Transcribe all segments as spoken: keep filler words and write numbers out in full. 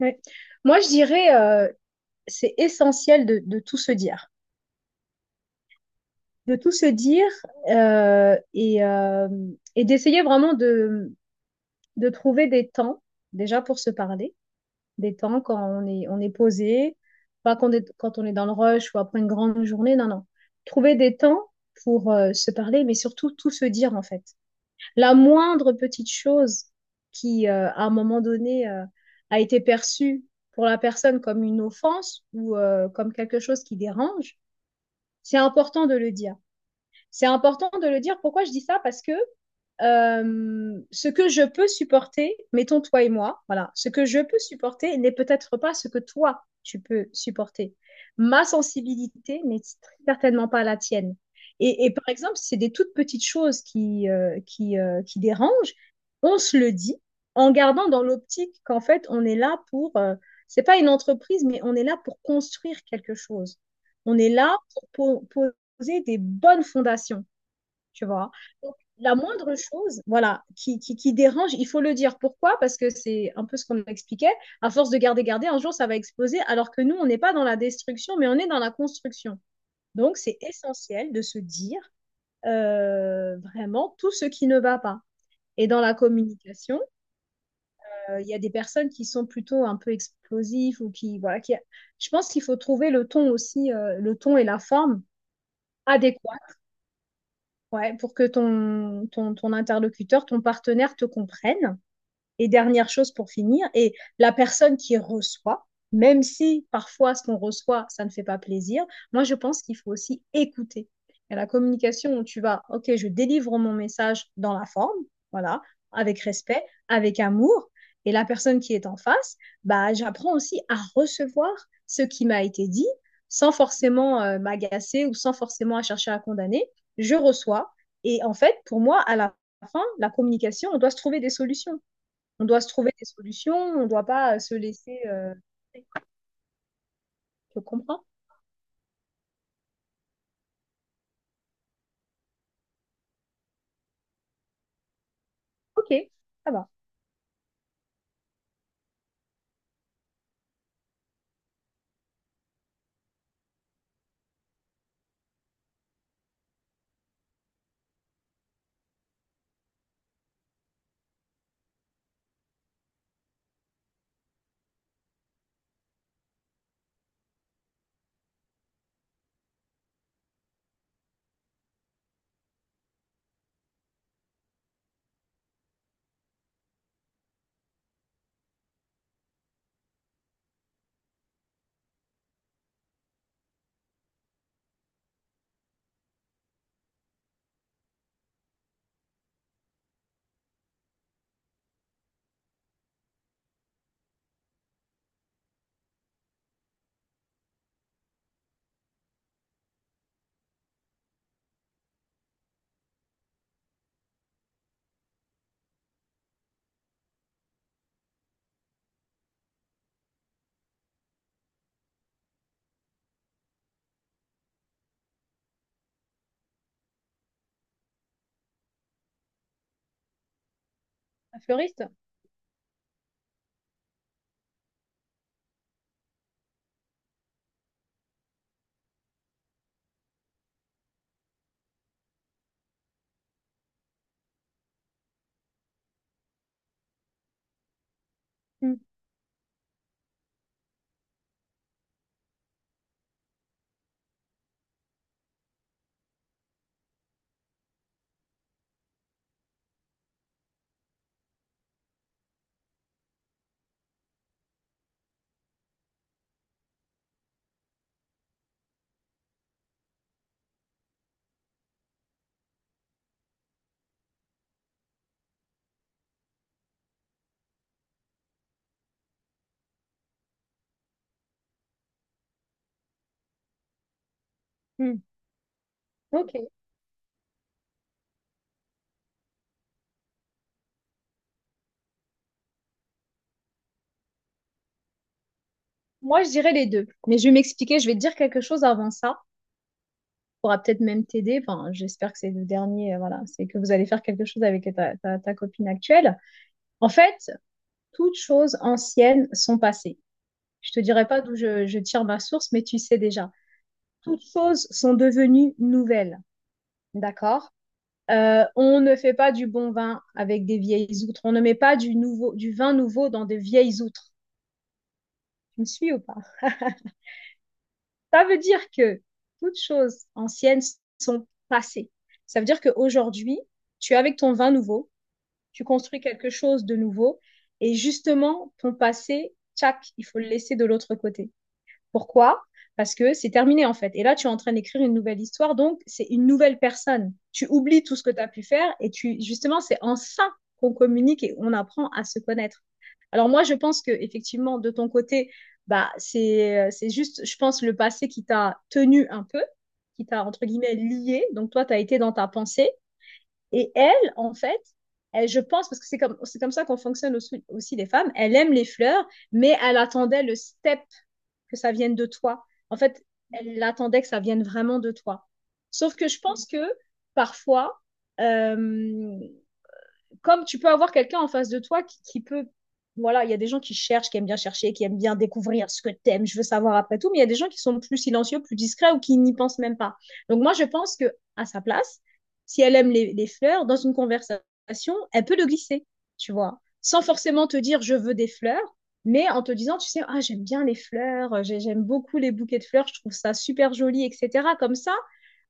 Ouais. Moi, je dirais, euh, c'est essentiel de, de tout se dire, de tout se dire euh, et, euh, et d'essayer vraiment de, de trouver des temps, déjà pour se parler, des temps quand on est, on est posé, pas quand on est, quand on est dans le rush ou après une grande journée, non, non. Trouver des temps pour euh, se parler, mais surtout tout se dire en fait. La moindre petite chose qui, euh, à un moment donné, euh, a été perçue pour la personne comme une offense ou euh, comme quelque chose qui dérange, c'est important de le dire. C'est important de le dire. Pourquoi je dis ça? Parce que euh, ce que je peux supporter, mettons toi et moi, voilà, ce que je peux supporter n'est peut-être pas ce que toi tu peux supporter. Ma sensibilité n'est certainement pas la tienne. Et, et par exemple, si c'est des toutes petites choses qui, euh, qui, euh, qui dérangent. On se le dit en gardant dans l'optique qu'en fait, on est là pour, euh, c'est pas une entreprise, mais on est là pour construire quelque chose. On est là pour po- poser des bonnes fondations, tu vois. Donc, la moindre chose, voilà, qui, qui, qui dérange, il faut le dire. Pourquoi? Parce que c'est un peu ce qu'on expliquait. À force de garder, garder, un jour, ça va exploser, alors que nous, on n'est pas dans la destruction, mais on est dans la construction. Donc, c'est essentiel de se dire euh, vraiment tout ce qui ne va pas. Et dans la communication, euh, il y a des personnes qui sont plutôt un peu explosives ou qui, voilà, qui, je pense qu'il faut trouver le ton aussi, euh, le ton et la forme adéquats. Ouais, pour que ton, ton, ton interlocuteur, ton partenaire te comprenne. Et dernière chose pour finir, et la personne qui reçoit, même si parfois ce qu'on reçoit, ça ne fait pas plaisir, moi je pense qu'il faut aussi écouter. Et la communication où tu vas, ok, je délivre mon message dans la forme, voilà, avec respect, avec amour, et la personne qui est en face, bah, j'apprends aussi à recevoir ce qui m'a été dit sans forcément euh, m'agacer ou sans forcément à chercher à condamner. Je reçois. Et en fait, pour moi, à la fin, la communication, on doit se trouver des solutions. On doit se trouver des solutions, on ne doit pas euh, se laisser. euh, Je comprends. Ok, ça va. Un fleuriste? Hmm, hmm, Ok. Moi, je dirais les deux. Mais je vais m'expliquer, je vais te dire quelque chose avant ça. Pourra peut-être même t'aider. Enfin, j'espère que c'est le dernier. euh, Voilà, c'est que vous allez faire quelque chose avec ta, ta, ta copine actuelle. En fait, toutes choses anciennes sont passées. Je te dirai pas d'où je, je tire ma source, mais tu sais déjà. Toutes choses sont devenues nouvelles. D'accord? Euh, on ne fait pas du bon vin avec des vieilles outres. On ne met pas du, nouveau, du vin nouveau dans de vieilles outres. Tu me suis ou pas? Ça veut dire que toutes choses anciennes sont passées. Ça veut dire qu'aujourd'hui, tu es avec ton vin nouveau, tu construis quelque chose de nouveau, et justement, ton passé, tchac, il faut le laisser de l'autre côté. Pourquoi? Parce que c'est terminé en fait. Et là, tu es en train d'écrire une nouvelle histoire, donc c'est une nouvelle personne. Tu oublies tout ce que tu as pu faire et tu justement, c'est en ça qu'on communique et on apprend à se connaître. Alors moi, je pense que effectivement, de ton côté, bah c'est c'est juste, je pense, le passé qui t'a tenu un peu, qui t'a entre guillemets lié. Donc toi, tu as été dans ta pensée et elle, en fait, elle, je pense, parce que c'est comme, c'est comme ça qu'on fonctionne aussi, aussi les femmes, elle aime les fleurs, mais elle attendait le step que ça vienne de toi. En fait, elle attendait que ça vienne vraiment de toi. Sauf que je pense que parfois, euh, comme tu peux avoir quelqu'un en face de toi qui, qui peut. Voilà, il y a des gens qui cherchent, qui aiment bien chercher, qui aiment bien découvrir ce que t'aimes, je veux savoir après tout, mais il y a des gens qui sont plus silencieux, plus discrets ou qui n'y pensent même pas. Donc moi, je pense que à sa place, si elle aime les, les fleurs, dans une conversation, elle peut le glisser, tu vois, sans forcément te dire je veux des fleurs, mais en te disant, tu sais, ah, j'aime bien les fleurs, j'aime beaucoup les bouquets de fleurs, je trouve ça super joli, et cetera. Comme ça,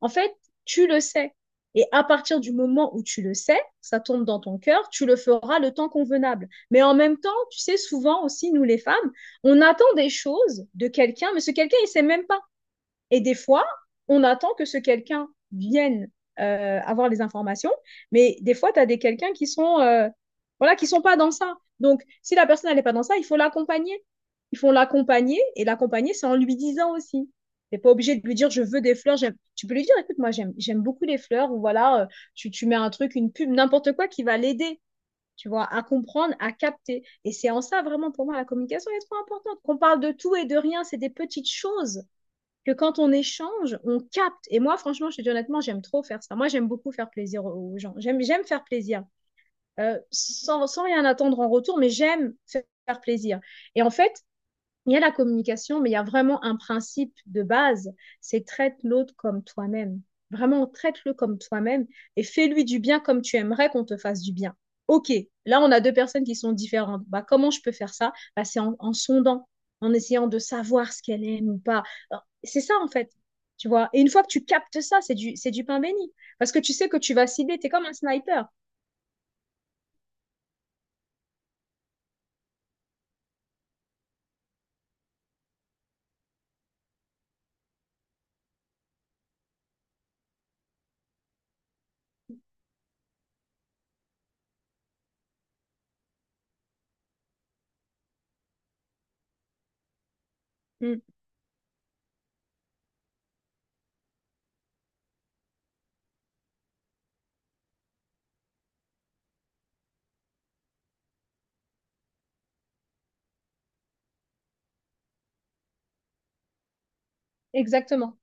en fait, tu le sais. Et à partir du moment où tu le sais, ça tombe dans ton cœur, tu le feras le temps convenable. Mais en même temps, tu sais, souvent aussi, nous les femmes, on attend des choses de quelqu'un, mais ce quelqu'un, il sait même pas. Et des fois, on attend que ce quelqu'un vienne euh, avoir les informations, mais des fois, tu as des quelqu'un qui sont euh, voilà, qui sont pas dans ça. Donc, si la personne n'est pas dans ça, il faut l'accompagner. Il faut l'accompagner et l'accompagner, c'est en lui disant aussi. T'es pas obligé de lui dire je veux des fleurs. j'aime- Tu peux lui dire écoute moi j'aime j'aime beaucoup les fleurs ou voilà euh, tu, tu mets un truc une pub n'importe quoi qui va l'aider, tu vois, à comprendre à capter, et c'est en ça vraiment pour moi la communication est trop importante qu'on parle de tout et de rien, c'est des petites choses que quand on échange, on capte. Et moi, franchement, je te dis honnêtement, j'aime trop faire ça. Moi, j'aime beaucoup faire plaisir aux gens. J'aime, j'aime faire plaisir euh, sans, sans rien attendre en retour, mais j'aime faire plaisir. Et en fait, il y a la communication, mais il y a vraiment un principe de base, c'est traite l'autre comme toi-même. Vraiment, traite-le comme toi-même et fais-lui du bien comme tu aimerais qu'on te fasse du bien. OK, là, on a deux personnes qui sont différentes. Bah, comment je peux faire ça, bah, c'est en, en sondant, en essayant de savoir ce qu'elle aime ou pas. Alors, c'est ça, en fait. Tu vois. Et une fois que tu captes ça, c'est du, c'est du pain béni. Parce que tu sais que tu vas cibler, tu es comme un sniper. Mm, exactement.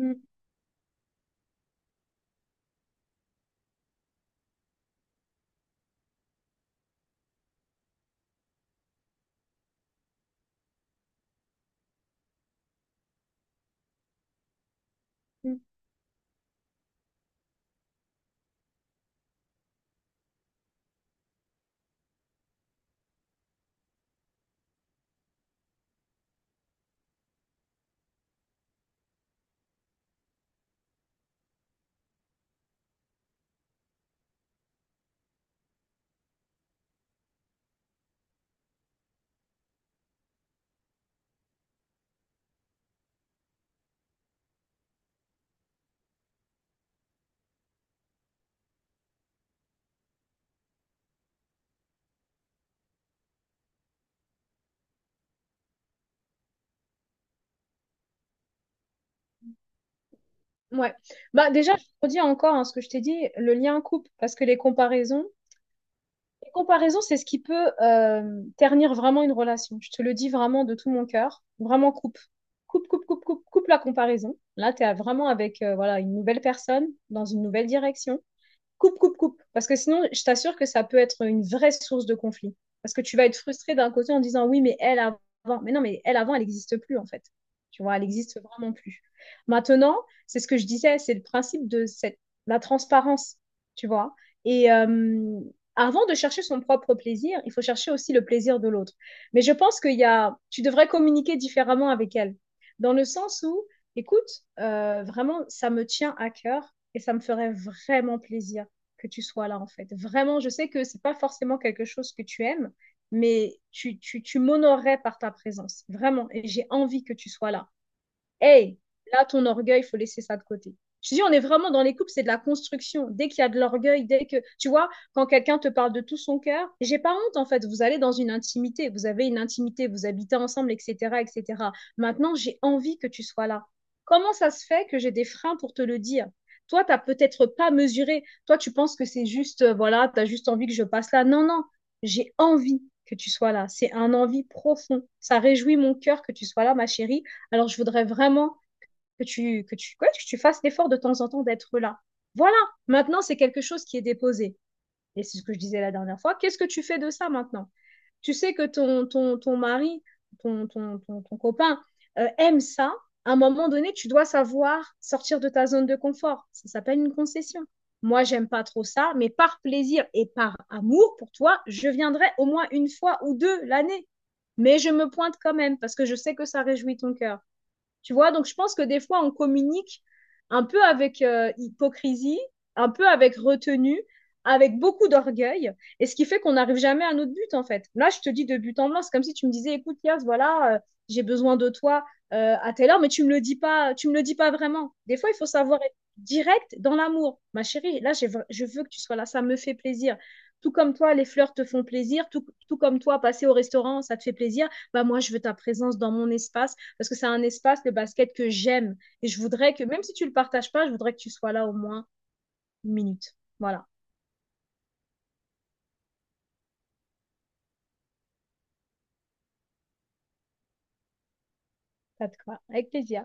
Mm, mm. Ouais. Bah déjà, je redis encore hein, ce que je t'ai dit, le lien couple, parce que les comparaisons, les comparaisons, c'est ce qui peut euh, ternir vraiment une relation. Je te le dis vraiment de tout mon cœur, vraiment coupe, coupe, coupe, coupe, coupe, coupe la comparaison. Là, tu es vraiment avec euh, voilà une nouvelle personne dans une nouvelle direction, coupe, coupe, coupe. Parce que sinon, je t'assure que ça peut être une vraie source de conflit. Parce que tu vas être frustré d'un côté en disant oui, mais elle avant, mais non, mais elle avant, elle n'existe plus en fait. Tu vois, elle n'existe vraiment plus. Maintenant, c'est ce que je disais, c'est le principe de cette, la transparence, tu vois. Et euh, avant de chercher son propre plaisir, il faut chercher aussi le plaisir de l'autre. Mais je pense qu'il y a, tu devrais communiquer différemment avec elle, dans le sens où, écoute, euh, vraiment, ça me tient à cœur et ça me ferait vraiment plaisir que tu sois là, en fait. Vraiment, je sais que c'est pas forcément quelque chose que tu aimes, mais tu, tu, tu m'honorerais par ta présence, vraiment. Et j'ai envie que tu sois là. Hey, là, ton orgueil, il faut laisser ça de côté. Je dis, on est vraiment dans les couples, c'est de la construction. Dès qu'il y a de l'orgueil, dès que, tu vois, quand quelqu'un te parle de tout son cœur, j'ai pas honte, en fait. Vous allez dans une intimité, vous avez une intimité, vous habitez ensemble, et cetera, et cetera. Maintenant, j'ai envie que tu sois là. Comment ça se fait que j'ai des freins pour te le dire? Toi, t'as peut-être pas mesuré. Toi, tu penses que c'est juste, euh, voilà, t'as juste envie que je passe là. Non, non, j'ai envie que tu sois là. C'est un envie profond. Ça réjouit mon cœur que tu sois là, ma chérie. Alors, je voudrais vraiment que tu, que tu, ouais, que tu fasses l'effort de temps en temps d'être là. Voilà, maintenant, c'est quelque chose qui est déposé. Et c'est ce que je disais la dernière fois. Qu'est-ce que tu fais de ça maintenant? Tu sais que ton, ton, ton mari, ton, ton, ton, ton copain euh, aime ça. À un moment donné, tu dois savoir sortir de ta zone de confort. Ça s'appelle une concession. Moi, j'aime pas trop ça, mais par plaisir et par amour pour toi, je viendrai au moins une fois ou deux l'année. Mais je me pointe quand même parce que je sais que ça réjouit ton cœur. Tu vois, donc je pense que des fois, on communique un peu avec euh, hypocrisie, un peu avec retenue, avec beaucoup d'orgueil, et ce qui fait qu'on n'arrive jamais à notre but, en fait. Là, je te dis de but en blanc, c'est comme si tu me disais, écoute, Yas, voilà, euh, j'ai besoin de toi euh, à telle heure, mais tu me le dis pas, tu me le dis pas vraiment. Des fois, il faut savoir être direct dans l'amour. Ma chérie, là, j'ai v- je veux que tu sois là, ça me fait plaisir. Tout comme toi, les fleurs te font plaisir, tout, tout comme toi, passer au restaurant, ça te fait plaisir. Bah, moi, je veux ta présence dans mon espace parce que c'est un espace, le basket, que j'aime. Et je voudrais que, même si tu ne le partages pas, je voudrais que tu sois là au moins une minute. Voilà. Ça te va. Avec plaisir.